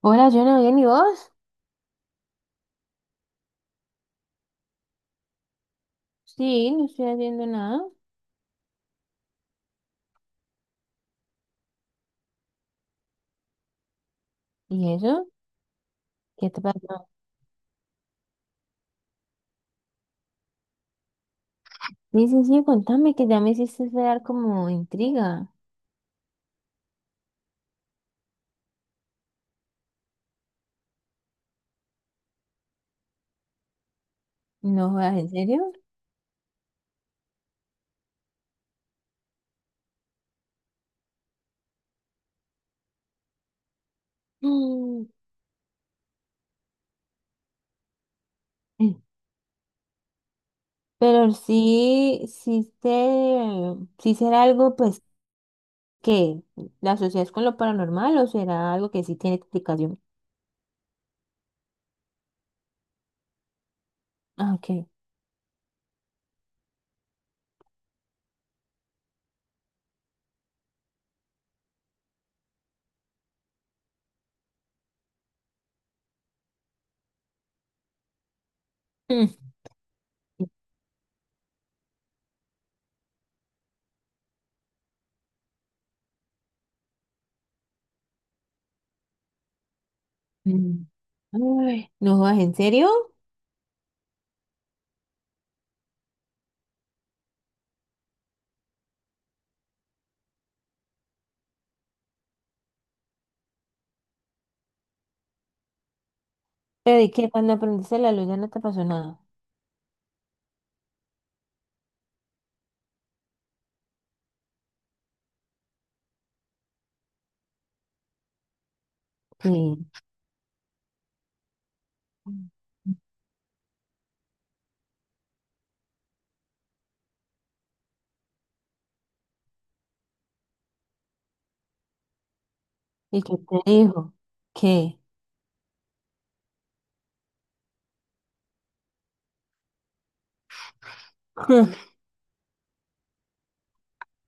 Hola, yo no bien, ¿y vos? Sí, no estoy haciendo nada. ¿Y eso? ¿Qué te pasó? Sí, sí, sí, contame que ya me hiciste dar como intriga. No jodas, ¿en serio? Mm. Pero sí, sí será algo, pues, que la asocias con lo paranormal o será algo que sí tiene explicación. Ah, ok. Mm. Mm. Ay, no jodas, ¿en serio? Pero ¿y qué? Cuando aprendiste la luz ya no te pasó nada. Sí. ¿Y qué te dijo? ¿Qué?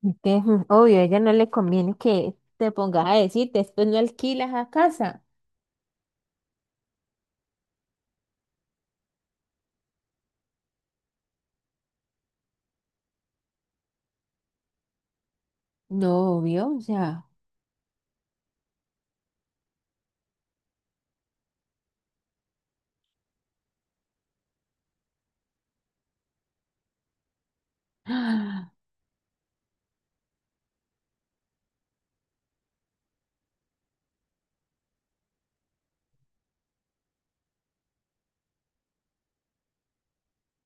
¿Y qué? Obvio, a ella no le conviene que te pongas a decir, después no alquilas a casa. No, obvio, o sea.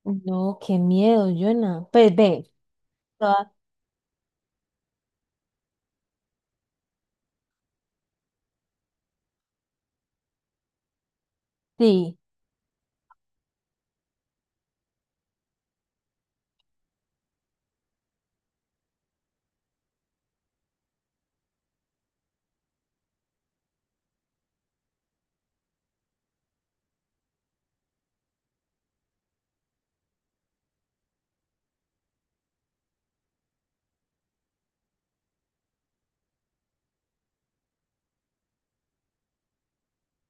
No, qué miedo, Jonah. Pues ve, toda- sí,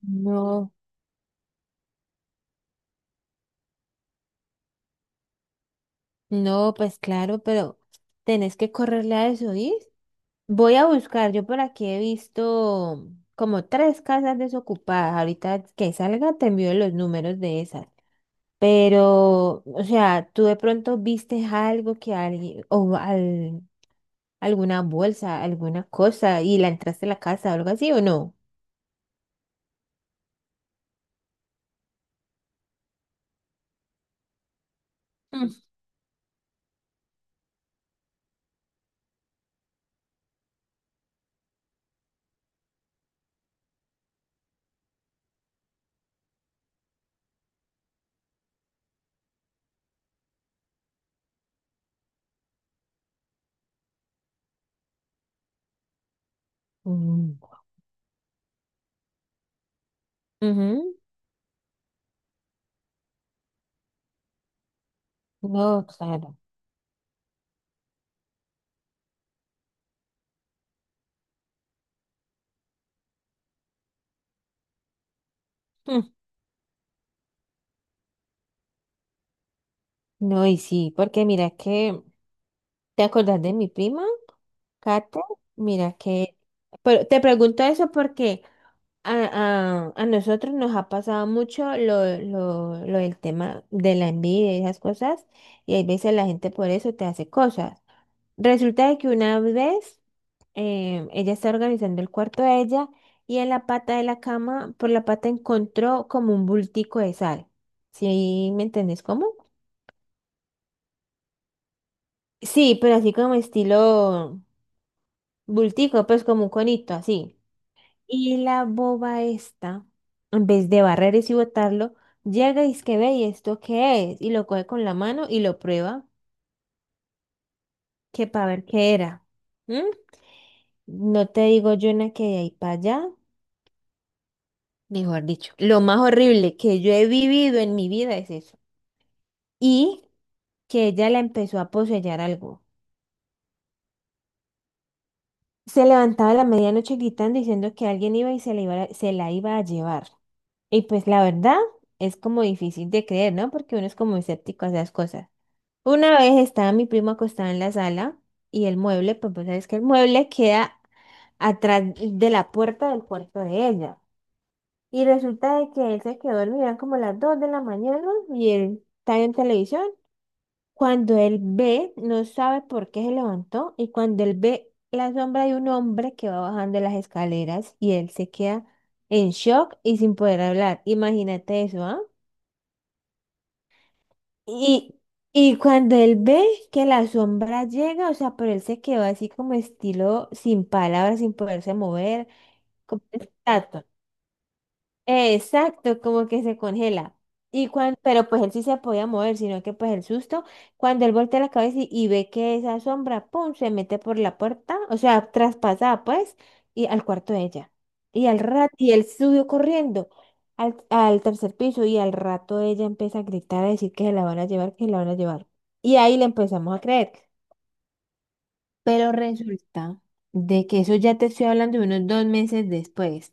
no, no, pues claro, pero tenés que correrle a eso, ¿y? Voy a buscar, yo por aquí he visto como tres casas desocupadas. Ahorita que salga te envío los números de esas. Pero, o sea, tú de pronto viste algo que alguien, alguna bolsa, alguna cosa, y la entraste a la casa o algo así, ¿o no? Mm. Mm, ujú. No, claro. Mm, no, y sí, porque mira que, ¿te acordás de mi prima, Kate? Mira que, pero te pregunto eso porque a nosotros nos ha pasado mucho lo del tema de la envidia y esas cosas, y hay veces la gente por eso te hace cosas. Resulta de que una vez ella estaba organizando el cuarto de ella y en la pata de la cama, por la pata encontró como un bultico de sal. ¿Sí me entendés cómo? Sí, pero así como estilo bultico, pues como un conito, así. Y la boba esta, en vez de barrer y botarlo, llega y es que ve, ¿y esto qué es? Y lo coge con la mano y lo prueba, que para ver qué era. ¿Mm? No te digo, yo una que de ahí para allá. Mejor dicho, lo más horrible que yo he vivido en mi vida es eso. Y que ella la empezó a poseer algo. Se levantaba a la medianoche gritando diciendo que alguien iba y se la iba a llevar. Y pues la verdad es como difícil de creer, ¿no? Porque uno es como escéptico a esas cosas. Una vez estaba mi primo acostado en la sala y el mueble, pues vos sabes que el mueble queda atrás de la puerta del cuarto de ella. Y resulta de que él se quedó dormido, eran como las 2 de la mañana y él estaba en televisión. Cuando él ve, no sabe por qué se levantó y cuando él ve la sombra de un hombre que va bajando las escaleras y él se queda en shock y sin poder hablar. Imagínate eso, ¿ah? Y, y cuando él ve que la sombra llega, o sea, pero él se quedó así como estilo sin palabras, sin poderse mover, como una estatua. Exacto, como que se congela. Pero pues él sí se podía mover, sino que pues el susto, cuando él voltea la cabeza y ve que esa sombra, pum, se mete por la puerta, o sea, traspasada pues, y al cuarto de ella. Y al rato, y él subió corriendo al tercer piso y al rato ella empieza a gritar, a decir que se la van a llevar, que se la van a llevar. Y ahí le empezamos a creer. Pero resulta de que eso ya te estoy hablando de unos 2 meses después.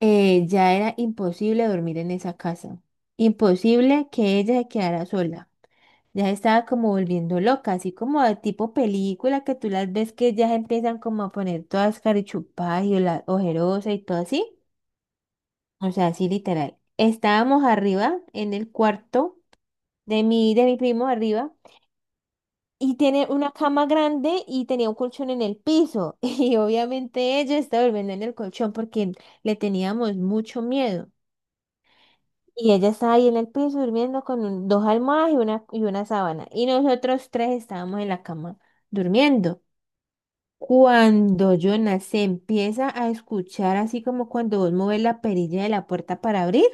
Ya era imposible dormir en esa casa, imposible que ella se quedara sola. Ya se estaba como volviendo loca, así como de tipo película que tú las ves que ya se empiezan como a poner todas carichupadas y ojerosa y todo así. O sea, así literal. Estábamos arriba en el cuarto de mi primo arriba y tiene una cama grande y tenía un colchón en el piso y obviamente ella estaba durmiendo en el colchón porque le teníamos mucho miedo. Y ella estaba ahí en el piso durmiendo con dos almohadas y una sábana. Y nosotros tres estábamos en la cama durmiendo. Cuando Jonas se empieza a escuchar así como cuando vos mueves la perilla de la puerta para abrir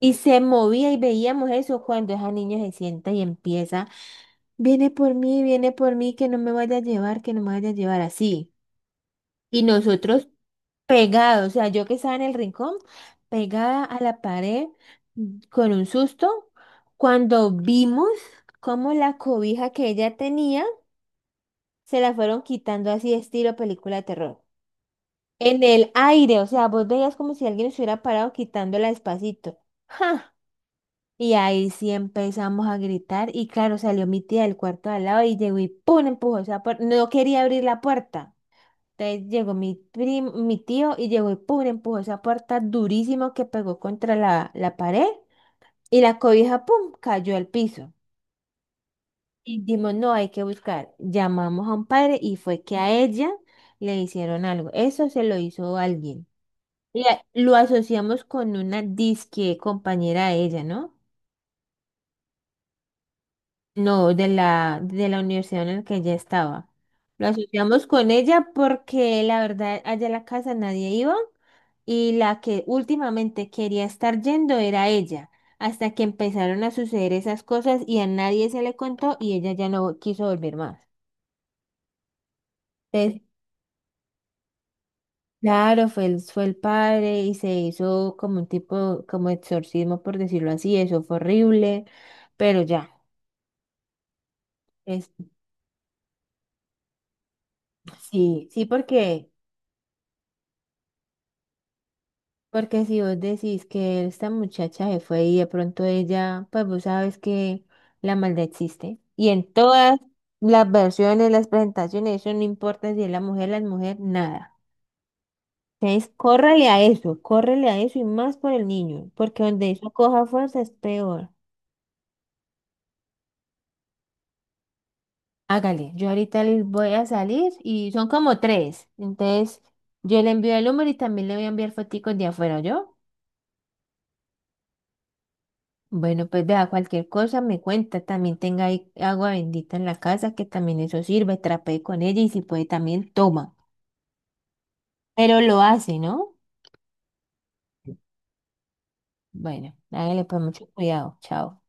y se movía y veíamos eso cuando esa niña se sienta y empieza, viene por mí, que no me vaya a llevar, que no me vaya a llevar así. Y nosotros pegado, o sea, yo que estaba en el rincón, pegada a la pared, con un susto, cuando vimos cómo la cobija que ella tenía se la fueron quitando así estilo película de terror. En el aire, o sea, vos veías como si alguien se hubiera parado quitándola despacito. ¡Ja! Y ahí sí empezamos a gritar y claro, salió mi tía del cuarto de al lado y llegó y ¡pum!, empujó esa puerta. No quería abrir la puerta. Entonces llegó mi tío y llegó y pum, le empujó esa puerta durísimo que pegó contra la pared y la cobija, pum, cayó al piso. Y dijimos, no, hay que buscar. Llamamos a un padre y fue que a ella le hicieron algo. Eso se lo hizo alguien. Lo asociamos con una disque compañera de ella, ¿no? No, de la universidad en la que ella estaba. Lo asociamos con ella porque la verdad allá a la casa nadie iba y la que últimamente quería estar yendo era ella, hasta que empezaron a suceder esas cosas y a nadie se le contó y ella ya no quiso volver más. Entonces, claro, fue el, padre y se hizo como un tipo, como exorcismo, por decirlo así, eso fue horrible, pero ya, es, sí, sí, porque... Porque si vos decís que esta muchacha se fue y de pronto ella, pues vos sabes que la maldad existe. Y en todas las versiones, las presentaciones, eso no importa si es la mujer, nada. Entonces, córrele a eso y más por el niño, porque donde eso coja fuerza es peor. Hágale, yo ahorita les voy a salir y son como tres. Entonces, yo le envío el número y también le voy a enviar foticos de afuera, ¿yo? Bueno, pues vea, cualquier cosa me cuenta, también tenga ahí agua bendita en la casa, que también eso sirve, trapee con ella y si puede también toma. Pero lo hace, ¿no? Bueno, hágale pues mucho cuidado, chao.